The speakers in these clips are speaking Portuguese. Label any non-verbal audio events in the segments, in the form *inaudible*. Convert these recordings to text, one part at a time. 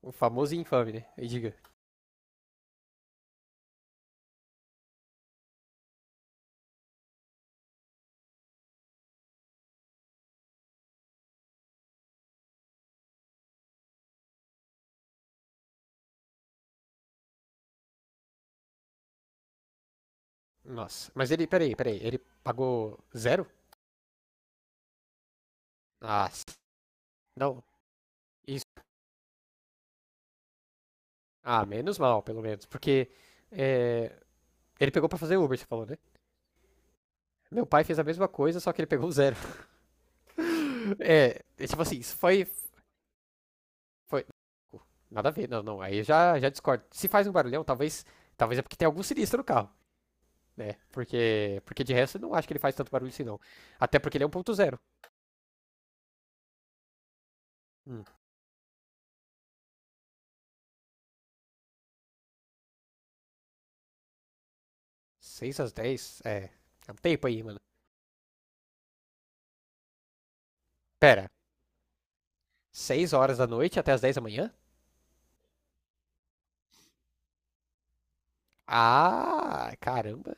O famoso e infame, né? E diga. Nossa. Mas ele, peraí, peraí. Ele pagou zero? Ah, não. Isso. Ah, menos mal, pelo menos. Porque é, ele pegou pra fazer Uber, você falou, né? Meu pai fez a mesma coisa, só que ele pegou zero. *laughs* É, é tipo assim, isso foi, foi. Nada a ver, não, não. Aí eu já discordo. Se faz um barulhão, talvez, talvez é porque tem algum sinistro no carro, né? Porque de resto eu não acho que ele faz tanto barulho assim, não. Até porque ele é um ponto zero. Hum. 6 às 10. É. É um tempo aí, mano. Pera, 6 horas da noite até as 10 da manhã? Ah, caramba,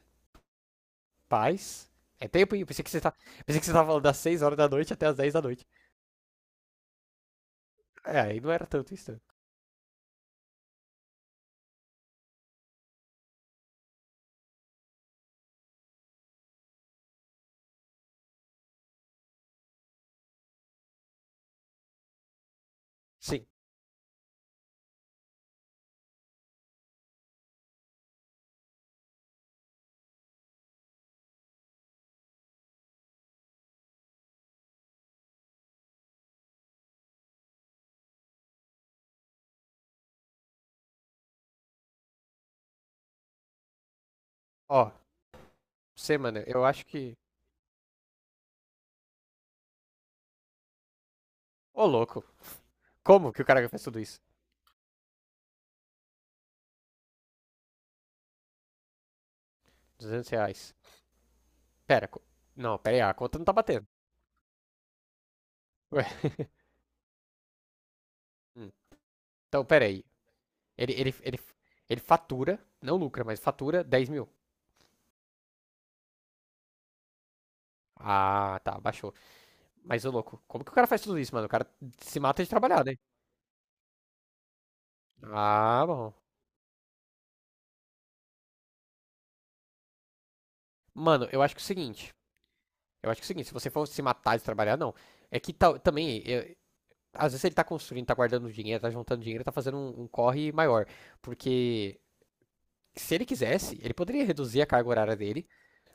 paz. É tempo, hein? Pensei que você tava falando das 6 horas da noite até as 10 da noite. É, aí não era tanto isso. Não. Sim. Ó, você, mano, eu acho que. Ô, louco. Como que o cara fez tudo isso? R$ 200. Pera, não, pera aí, a conta não tá batendo. Ué. *laughs* Hum, Então, pera aí. Ele, ele, ele, ele fatura, não lucra, mas fatura 10 mil. Ah, tá, baixou. Mas, ô, louco, como que o cara faz tudo isso, mano? O cara se mata de trabalhar, né? Ah, bom. Mano, eu acho que é o seguinte. Eu acho que é o seguinte, se você for se matar de trabalhar, não. É que tal também, às vezes ele tá construindo, tá guardando dinheiro, tá juntando dinheiro, tá fazendo um corre maior. Porque se ele quisesse, ele poderia reduzir a carga horária dele,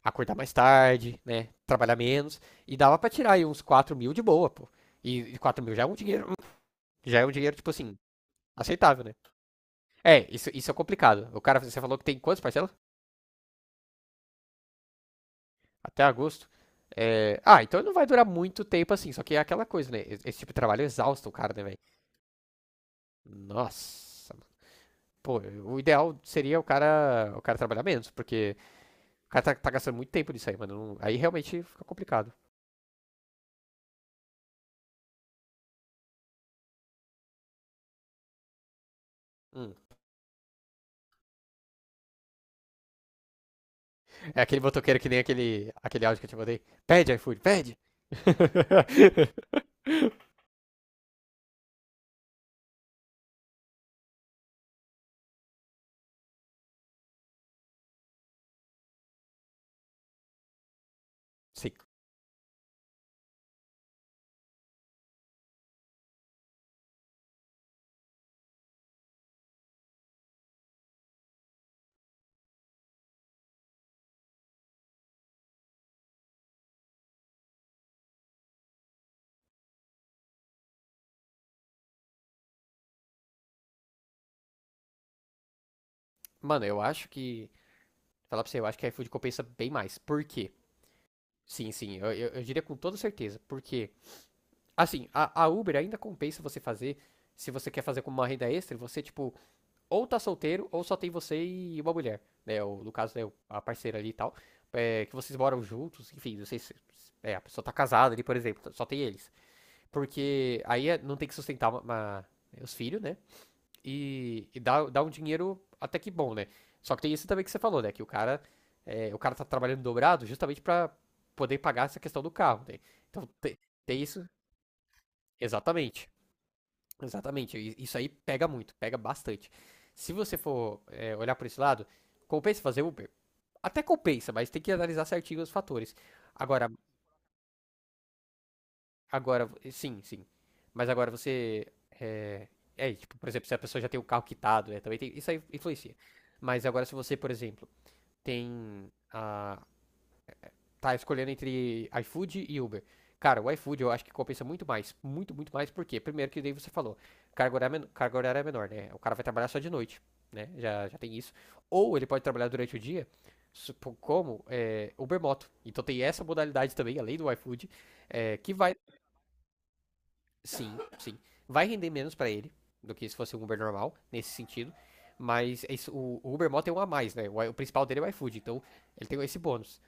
acordar mais tarde, né? Trabalhar menos. E dava pra tirar aí uns 4 mil de boa, pô. E 4 mil já é um dinheiro. Já é um dinheiro, tipo assim, aceitável, né? É, isso é complicado. O cara, você falou que tem quantas parcelas? Até agosto. É, ah, então não vai durar muito tempo assim. Só que é aquela coisa, né? Esse tipo de trabalho exausta o cara, né, velho? Nossa, mano. Pô, o ideal seria o cara trabalhar menos, porque o cara tá gastando muito tempo nisso aí, mano. Aí realmente fica complicado. Hum. É aquele botoqueiro que nem aquele áudio que eu te mandei. Pede, iFood, pede! *laughs* Sim. Mano, eu acho que. Falar pra você, eu acho que iFood compensa bem mais. Por quê? Sim, sim, eu diria com toda certeza. Por quê? Assim, a Uber ainda compensa você fazer. Se você quer fazer como uma renda extra, você, tipo, ou tá solteiro, ou só tem você e uma mulher, né? Ou, no caso, né, a parceira ali e tal. É, que vocês moram juntos, enfim, não sei se. É, a pessoa tá casada ali, por exemplo, só tem eles. Porque aí não tem que sustentar os filhos, né? E dá um dinheiro até que bom, né? Só que tem isso também que você falou, né? Que o cara tá trabalhando dobrado justamente pra poder pagar essa questão do carro, né? Então tem isso. Exatamente. Exatamente, isso aí pega muito, pega bastante. Se você for olhar por esse lado, compensa fazer Uber? Até compensa, mas tem que analisar certinho os fatores. Agora, agora, sim, sim. Mas agora você, é, é, tipo, por exemplo, se a pessoa já tem o carro quitado, né, também tem, isso aí influencia. Mas agora se você, por exemplo, tem a, tá escolhendo entre iFood e Uber. Cara, o iFood eu acho que compensa muito mais. Muito, muito mais. Por quê? Primeiro que daí você falou, carga horária, carga horária é menor, né? O cara vai trabalhar só de noite, né? Já, já tem isso. Ou ele pode trabalhar durante o dia, como é, Uber Moto. Então tem essa modalidade também, além do iFood, é, que vai. Sim, sim. Vai render menos pra ele do que se fosse um Uber normal, nesse sentido. Mas é isso, o Uber Mall tem um a mais, né? O principal dele é o iFood, então ele tem esse bônus.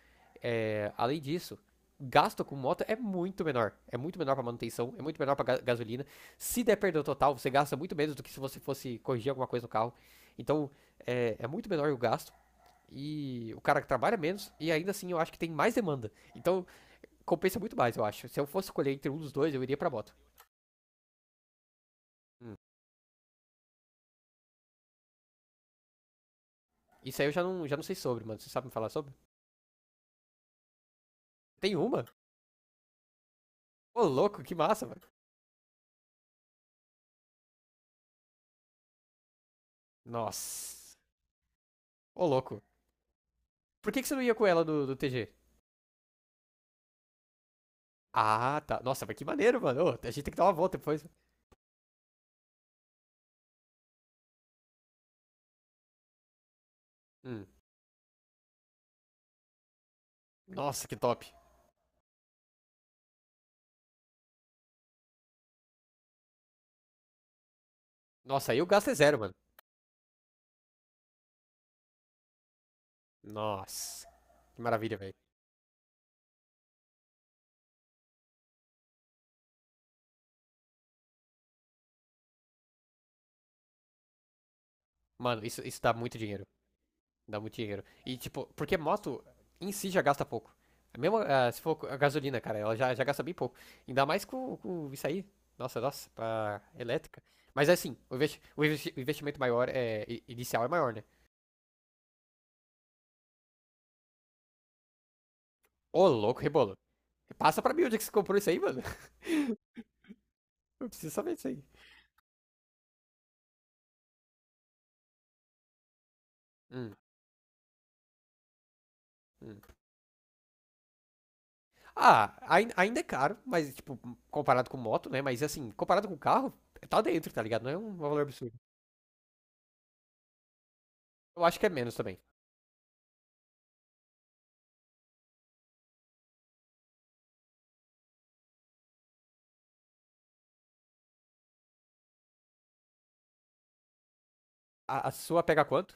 É, além disso, o gasto com moto é muito menor. É muito menor pra manutenção, é muito menor pra gasolina. Se der perda total, você gasta muito menos do que se você fosse corrigir alguma coisa no carro. Então, é, é muito menor o gasto. E o cara que trabalha menos, e ainda assim eu acho que tem mais demanda. Então, compensa muito mais, eu acho. Se eu fosse escolher entre um dos dois, eu iria pra moto. Hum. Isso aí eu já não sei sobre, mano. Você sabe me falar sobre? Tem uma? Ô, louco, que massa, mano. Nossa. Ô, louco. Por que você não ia com ela do TG? Ah, tá. Nossa, mas que maneiro, mano. Ô, a gente tem que dar uma volta depois. Hum. Nossa, que top. Nossa, aí o gasto é zero, mano. Nossa. Que maravilha, velho. Mano, isso dá muito dinheiro. Dá muito dinheiro. E, tipo, porque moto em si já gasta pouco. É mesmo, ah, se for a gasolina, cara, ela já gasta bem pouco. Ainda mais com isso aí. Nossa, nossa, pra elétrica. Mas assim, o investimento maior é inicial é maior, né? Ô, louco, rebolo. Passa pra mim onde é que você comprou isso aí, mano. *laughs* Eu preciso saber disso aí. Hum, hum. Ah, ainda é caro, mas, tipo, comparado com moto, né? Mas assim, comparado com carro, tá dentro, tá ligado? Não é um valor absurdo. Eu acho que é menos também. A sua pega quanto?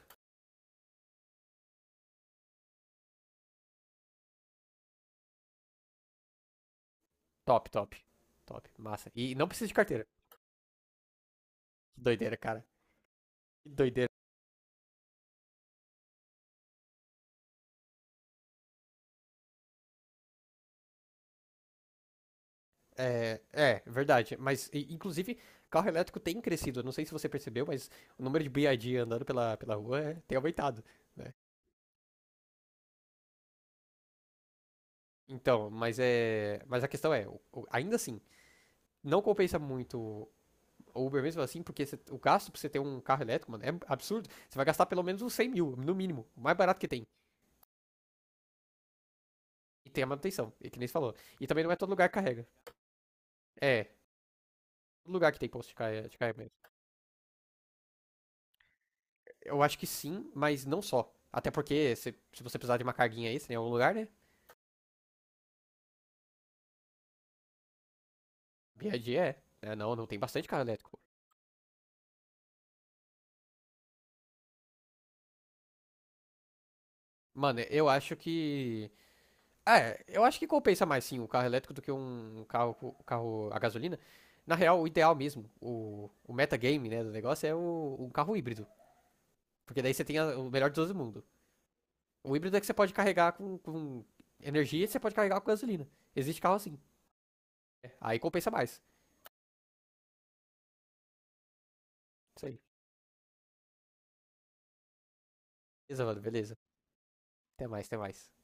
Top, top. Top. Massa. E não precisa de carteira. Que doideira, cara. Que doideira. É, verdade. Mas, inclusive, carro elétrico tem crescido. Eu não sei se você percebeu, mas o número de BID andando pela rua tem aumentado, né? Então, mas é. Mas a questão é, ainda assim, não compensa muito o Uber mesmo assim, porque o gasto pra você ter um carro elétrico, mano, é absurdo. Você vai gastar pelo menos uns 100 mil, no mínimo. O mais barato que tem. E tem a manutenção, e que nem você falou. E também não é todo lugar que carrega. É, todo lugar que tem posto de carga, de carga. Eu acho que sim, mas não só. Até porque se você precisar de uma carguinha extra em algum lugar, né? BID é. É. Né? Não, não tem bastante carro elétrico. Mano, eu acho que. É, eu acho que compensa mais sim o carro elétrico do que um carro a gasolina. Na real, o ideal mesmo, o metagame né, do negócio é um carro híbrido. Porque daí você tem o melhor de todo mundo. O híbrido é que você pode carregar com energia e você pode carregar com gasolina. Existe carro assim. É, aí compensa mais. Isso aí. Beleza, mano, beleza. Até mais, até mais.